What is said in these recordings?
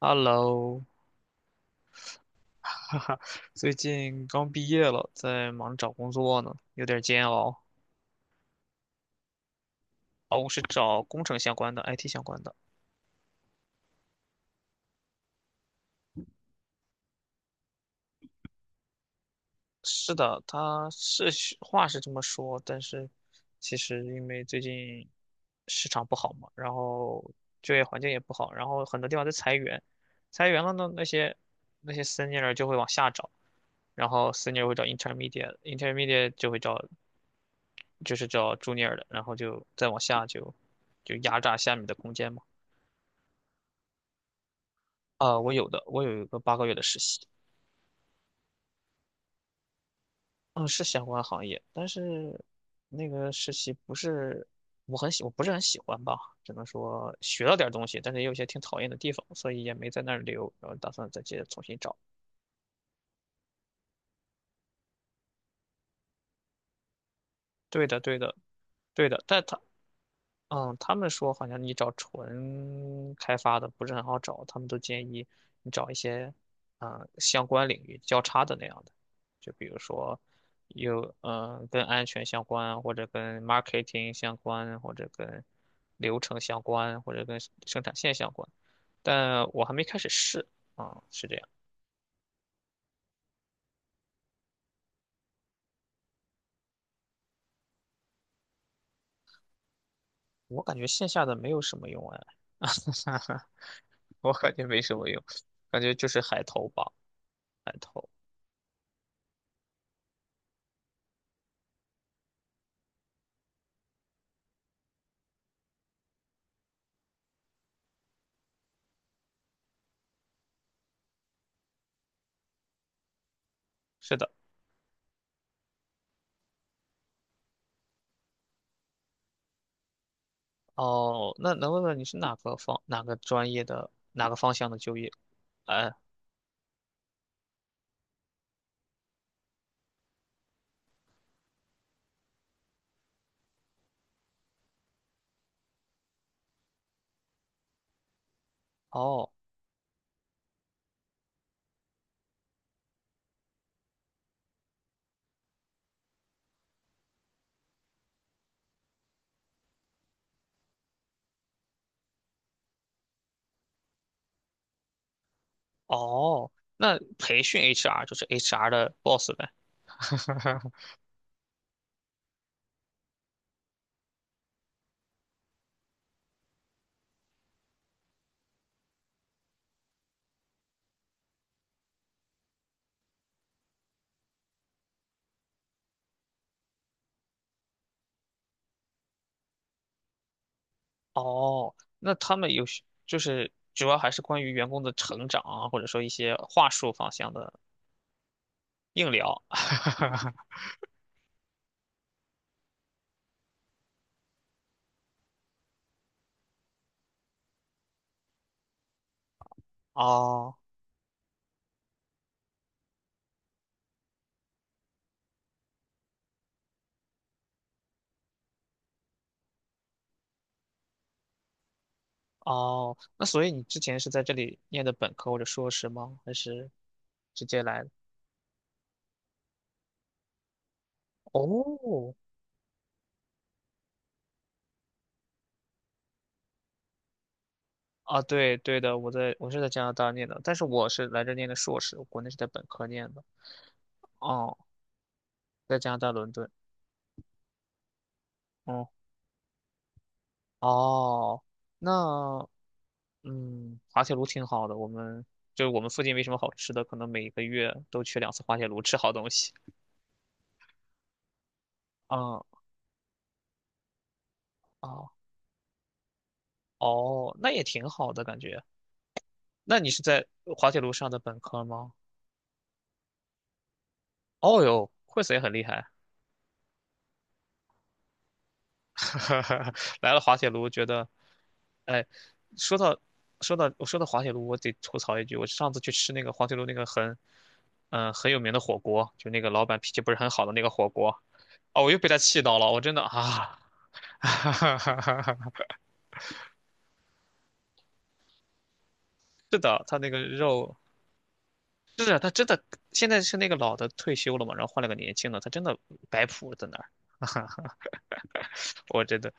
Hello，哈哈，最近刚毕业了，在忙着找工作呢，有点煎熬。哦，我是找工程相关的，IT 相关的。是的，他是话是这么说，但是其实因为最近市场不好嘛，然后就业环境也不好，然后很多地方在裁员，裁员了呢，那些 senior 就会往下找，然后 senior 会找 intermediate，intermediate 就会找就是叫朱尼尔的，然后就再往下就压榨下面的空间嘛。啊，我有的，我有一个8个月的实习，嗯，是相关行业，但是那个实习不是我不是很喜欢吧，只能说学到点儿东西，但是也有一些挺讨厌的地方，所以也没在那儿留，然后打算再接着重新找。对的，对的，对的，但他们说好像你找纯开发的不是很好找，他们都建议你找一些，嗯、相关领域交叉的那样的，就比如说有跟安全相关，或者跟 marketing 相关，或者跟流程相关，或者跟生产线相关。但我还没开始试是这样。我感觉线下的没有什么用哎，我感觉没什么用，感觉就是海投吧，海投。是的。哦，那能问问你是哪个专业的哪个方向的就业？哎，哦哦，那培训 HR 就是 HR 的 boss 呗。哦，那他们就是主要还是关于员工的成长啊，或者说一些话术方向的硬聊。哦哦，那所以你之前是在这里念的本科或者硕士吗？还是直接来的哦啊，对对的，我是在加拿大念的，但是我是来这念的硕士，我国内是在本科念的。哦，在加拿大伦敦。哦哦，那滑铁卢挺好的，我们就是我们附近没什么好吃的，可能每个月都去2次滑铁卢吃好东西。啊啊哦，那也挺好的感觉。那你是在滑铁卢上的本科吗？哦哟，惠子也很厉害，来了滑铁卢觉得哎，说到说到我说到滑铁卢，我得吐槽一句，我上次去吃那个滑铁卢那个很，很有名的火锅，就那个老板脾气不是很好的那个火锅，哦，我又被他气到了，我真的啊，哈哈哈，是的，他那个肉，是的，他真的现在是那个老的退休了嘛，然后换了个年轻的，他真的摆谱在那儿，我真的，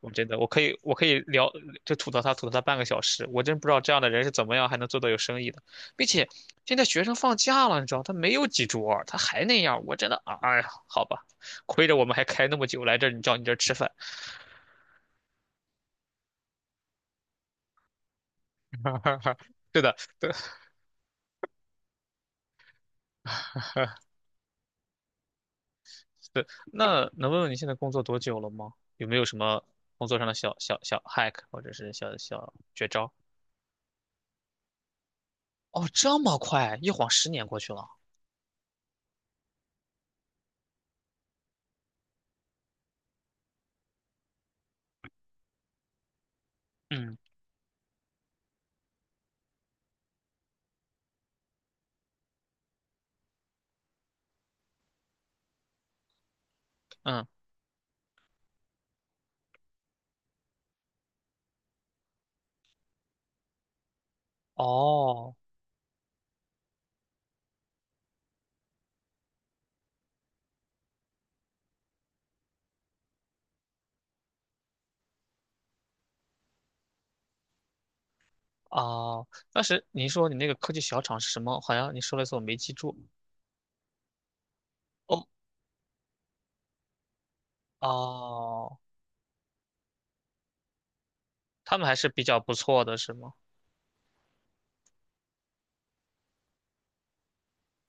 我真的，我可以，我可以聊，就吐槽他，吐槽他半个小时。我真不知道这样的人是怎么样还能做到有生意的，并且现在学生放假了，你知道，他没有几桌他还那样，我真的，啊哎呀，好吧，亏着我们还开那么久来这儿，你叫你这儿吃饭。对的，对，对。那能问问你现在工作多久了吗？有没有什么工作上的小小小 hack 或者是小小绝招？哦，这么快，一晃10年过去了。嗯嗯，哦，哦，当时您说你那个科技小厂是什么？好像你说了一次，我没记住。哦，哦，他们还是比较不错的，是吗？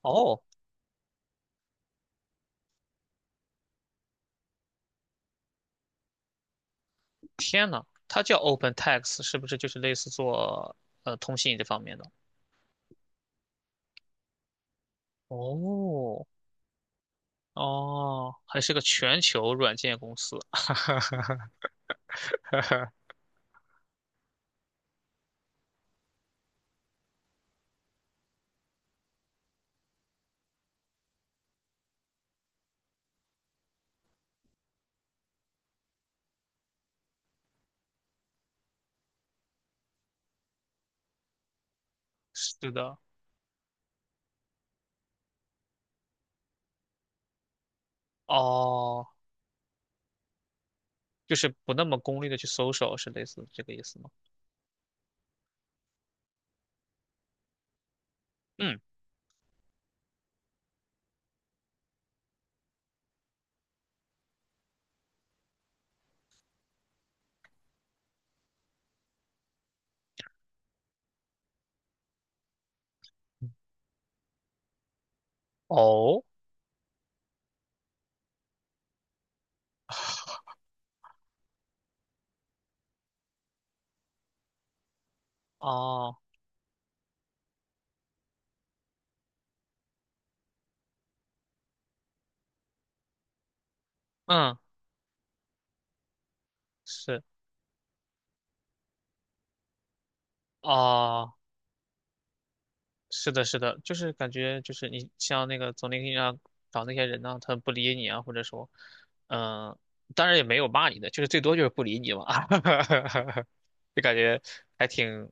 哦，天呐，它叫 OpenText,是不是就是类似做通信这方面的？哦，哦，还是个全球软件公司。是的，哦，就是不那么功利的去搜索，是类似这个意思吗？嗯，哦，哦，嗯，是，哦。是的，是的，就是感觉就是你像那个总 LIN 上找那些人呢、他不理你啊，或者说，嗯、当然也没有骂你的，就是最多就是不理你嘛，就感觉还挺，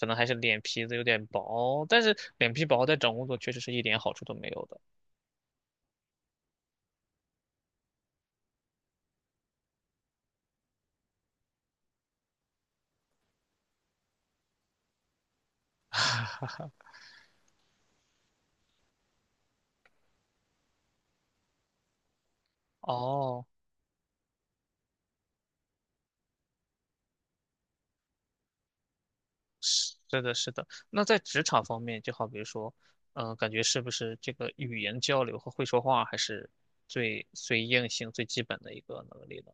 可能还是脸皮子有点薄，但是脸皮薄在找工作确实是一点好处都没有的。哦，是的，是的。那在职场方面，就好比如说，感觉是不是这个语言交流和会说话还是最最硬性、最基本的一个能力呢？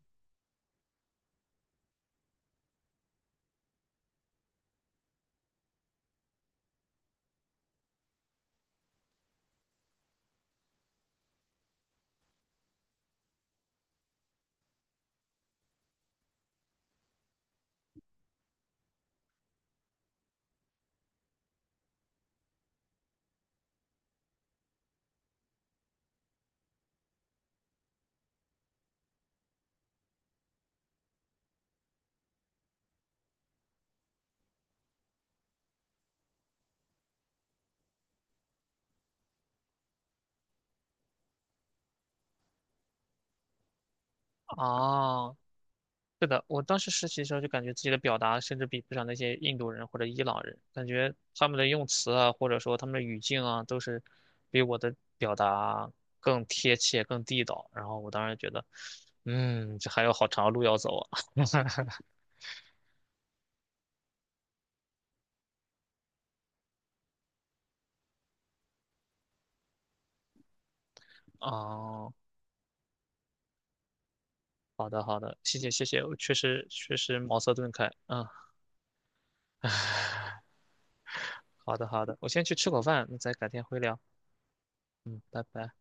哦，是的，我当时实习的时候就感觉自己的表达甚至比不上那些印度人或者伊朗人，感觉他们的用词啊，或者说他们的语境啊，都是比我的表达更贴切、更地道。然后我当时觉得，嗯，这还有好长的路要走啊。哦，好的好的，谢谢谢谢，我确实确实茅塞顿开。嗯，好的好的，我先去吃口饭，再改天会聊。嗯，拜拜。